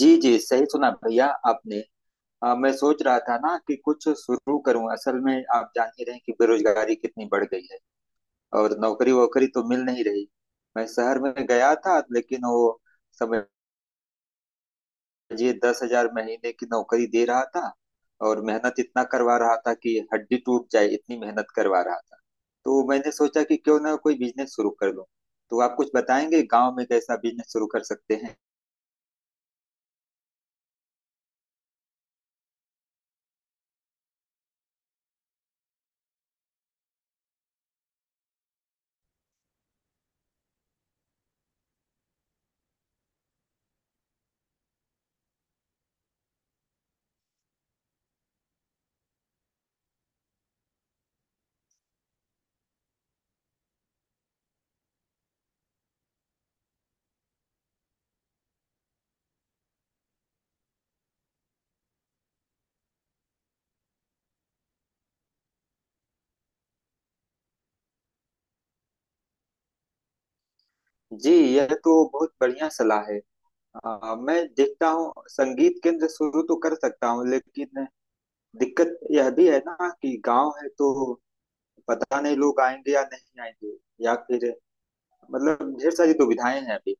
जी जी, सही सुना भैया आपने। मैं सोच रहा था ना कि कुछ शुरू करूं। असल में आप जान ही रहे हैं कि बेरोजगारी कितनी बढ़ गई है और नौकरी वोकरी तो मिल नहीं रही। मैं शहर में गया था, लेकिन वो समझिए 10,000 महीने की नौकरी दे रहा था और मेहनत इतना करवा रहा था कि हड्डी टूट जाए, इतनी मेहनत करवा रहा था। तो मैंने सोचा कि क्यों ना कोई बिजनेस शुरू कर लूं। तो आप कुछ बताएंगे गांव में कैसा बिजनेस शुरू कर सकते हैं। जी, यह तो बहुत बढ़िया सलाह है। मैं देखता हूँ संगीत केंद्र शुरू तो कर सकता हूँ, लेकिन दिक्कत यह भी है ना कि गांव है तो पता नहीं लोग आएंगे या नहीं आएंगे। या फिर मतलब ढेर सारी दुविधाएं हैं अभी।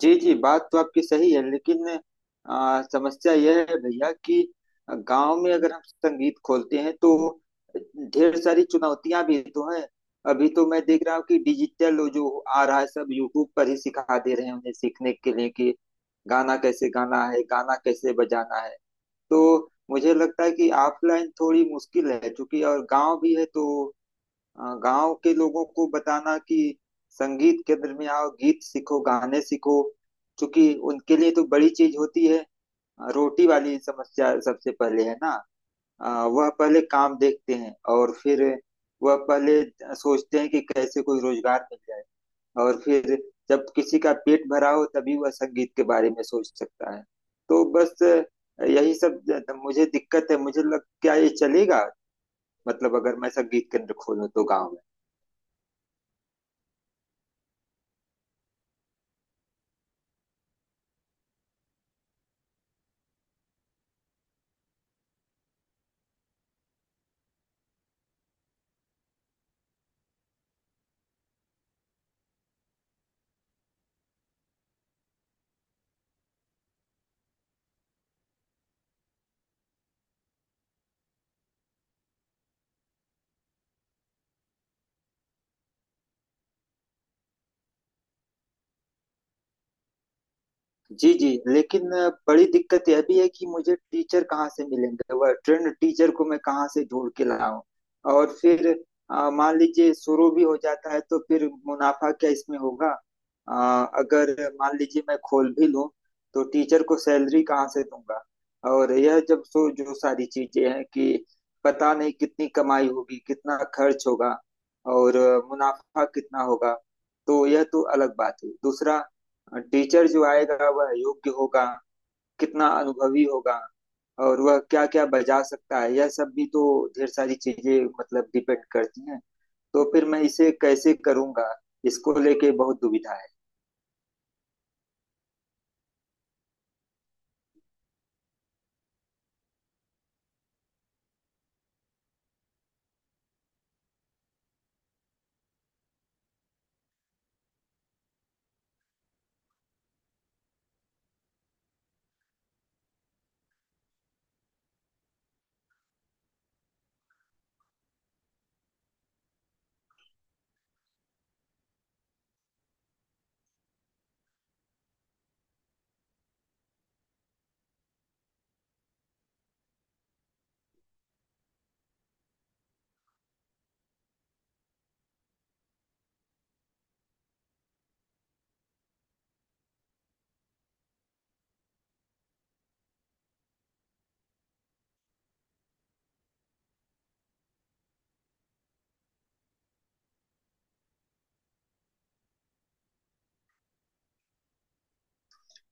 जी जी, बात तो आपकी सही है, लेकिन समस्या यह है भैया कि गांव में अगर हम संगीत खोलते हैं तो ढेर सारी चुनौतियां भी तो हैं। अभी तो मैं देख रहा हूँ कि डिजिटल जो आ रहा है, सब यूट्यूब पर ही सिखा दे रहे हैं उन्हें सीखने के लिए कि गाना कैसे गाना है, गाना कैसे बजाना है। तो मुझे लगता है कि ऑफलाइन थोड़ी मुश्किल है, चूंकि और गांव भी है तो गांव के लोगों को बताना कि संगीत केंद्र में आओ, गीत सीखो, गाने सीखो, क्योंकि उनके लिए तो बड़ी चीज होती है रोटी वाली समस्या सबसे पहले है ना। अ, वह पहले काम देखते हैं और फिर वह पहले सोचते हैं कि कैसे कोई रोजगार मिल जाए। और फिर जब किसी का पेट भरा हो, तभी वह संगीत के बारे में सोच सकता है। तो बस यही सब मुझे दिक्कत है। मुझे लग, क्या ये चलेगा? मतलब अगर मैं संगीत केंद्र खोलूं तो गाँव में। जी, जी, लेकिन बड़ी दिक्कत यह भी है कि मुझे टीचर कहाँ से मिलेंगे? वह ट्रेंड टीचर को मैं कहाँ से ढूंढ के लाऊं? और फिर मान लीजिए शुरू भी हो जाता है तो फिर मुनाफा क्या इसमें होगा? अ, अगर मान लीजिए मैं खोल भी लूं, तो टीचर को सैलरी कहाँ से दूंगा? और यह जब सो जो सारी चीजें हैं कि पता नहीं कितनी कमाई होगी, कितना खर्च होगा और मुनाफा कितना होगा, तो यह तो अलग बात है। दूसरा, टीचर जो आएगा वह योग्य होगा, कितना अनुभवी होगा और वह क्या क्या बजा सकता है, यह सब भी तो ढेर सारी चीजें मतलब डिपेंड करती हैं। तो फिर मैं इसे कैसे करूंगा? इसको लेके बहुत दुविधा।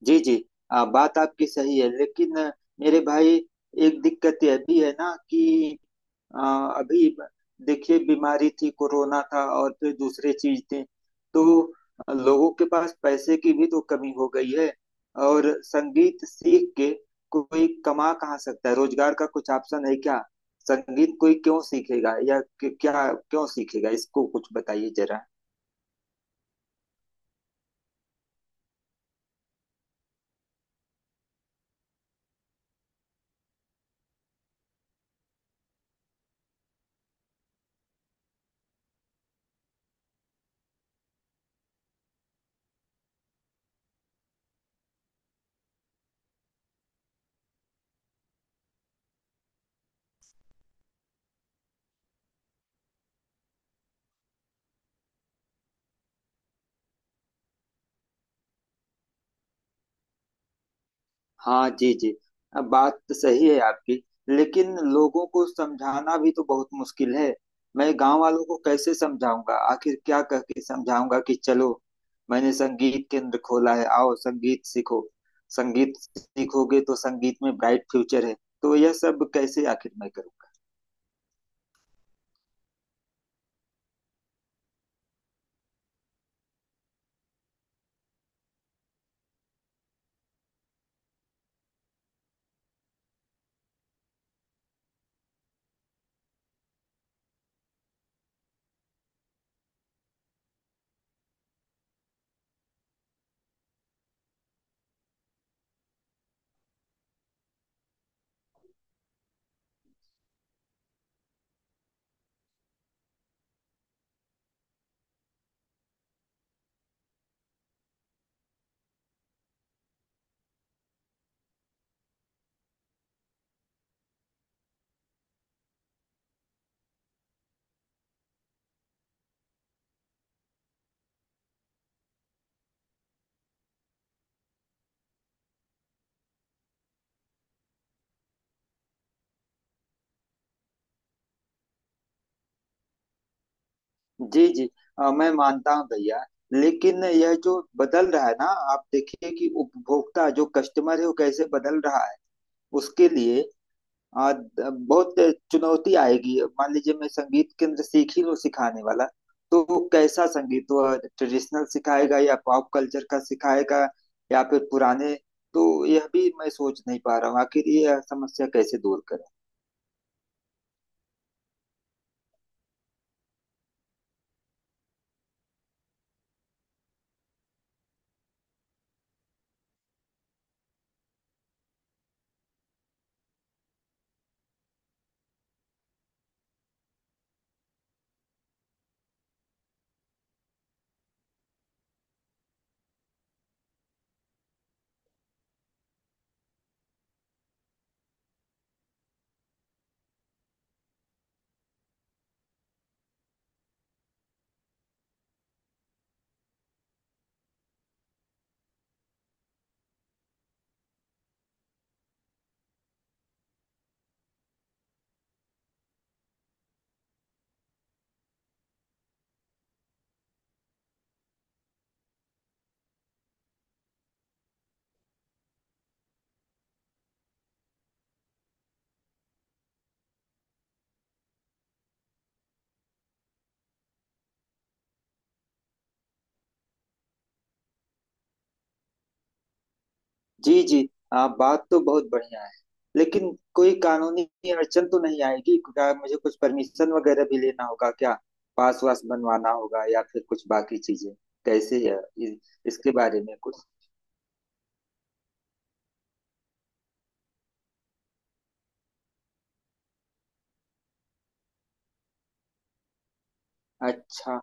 जी जी, बात आपकी सही है, लेकिन मेरे भाई एक दिक्कत यह भी है ना कि आ, अभी ब- देखिए बीमारी थी, कोरोना था और फिर दूसरे चीज थे। तो लोगों के पास पैसे की भी तो कमी हो गई है और संगीत सीख के कोई कमा कहाँ सकता है? रोजगार का कुछ ऑप्शन है क्या? संगीत कोई क्यों सीखेगा, या क्या क्यों सीखेगा? इसको कुछ बताइए जरा। हाँ जी जी, अब बात तो सही है आपकी, लेकिन लोगों को समझाना भी तो बहुत मुश्किल है। मैं गांव वालों को कैसे समझाऊंगा? आखिर क्या कह के समझाऊंगा कि चलो मैंने संगीत केंद्र खोला है, आओ संगीत सीखो, संगीत सीखोगे तो संगीत में ब्राइट फ्यूचर है। तो यह सब कैसे आखिर मैं करूँगा? जी जी, मैं मानता हूँ भैया, लेकिन यह जो बदल रहा है ना, आप देखिए कि उपभोक्ता जो कस्टमर है वो कैसे बदल रहा है। उसके लिए आ, बहुत चुनौती आएगी। मान लीजिए मैं संगीत केंद्र सीख ही लूं सिखाने वाला, तो वो कैसा संगीत? वो ट्रेडिशनल सिखाएगा या पॉप कल्चर का सिखाएगा, या फिर पुराने? तो यह भी मैं सोच नहीं पा रहा हूँ आखिर ये समस्या कैसे दूर करें। जी जी, बात तो बहुत बढ़िया है, लेकिन कोई कानूनी अड़चन तो नहीं आएगी क्या? मुझे कुछ परमिशन वगैरह भी लेना होगा क्या? पास वास बनवाना होगा या फिर कुछ बाकी चीजें कैसे है? इ- इसके बारे में कुछ। अच्छा।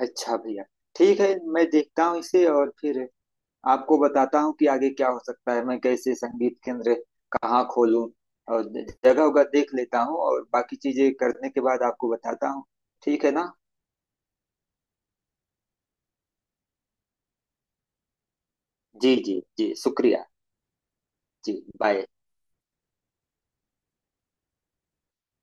अच्छा भैया, ठीक है, मैं देखता हूँ इसे और फिर आपको बताता हूँ कि आगे क्या हो सकता है। मैं कैसे संगीत केंद्र कहाँ खोलूँ और जगह वगह देख लेता हूँ और बाकी चीजें करने के बाद आपको बताता हूँ। ठीक है ना। जी जी जी, शुक्रिया। जी। बाय।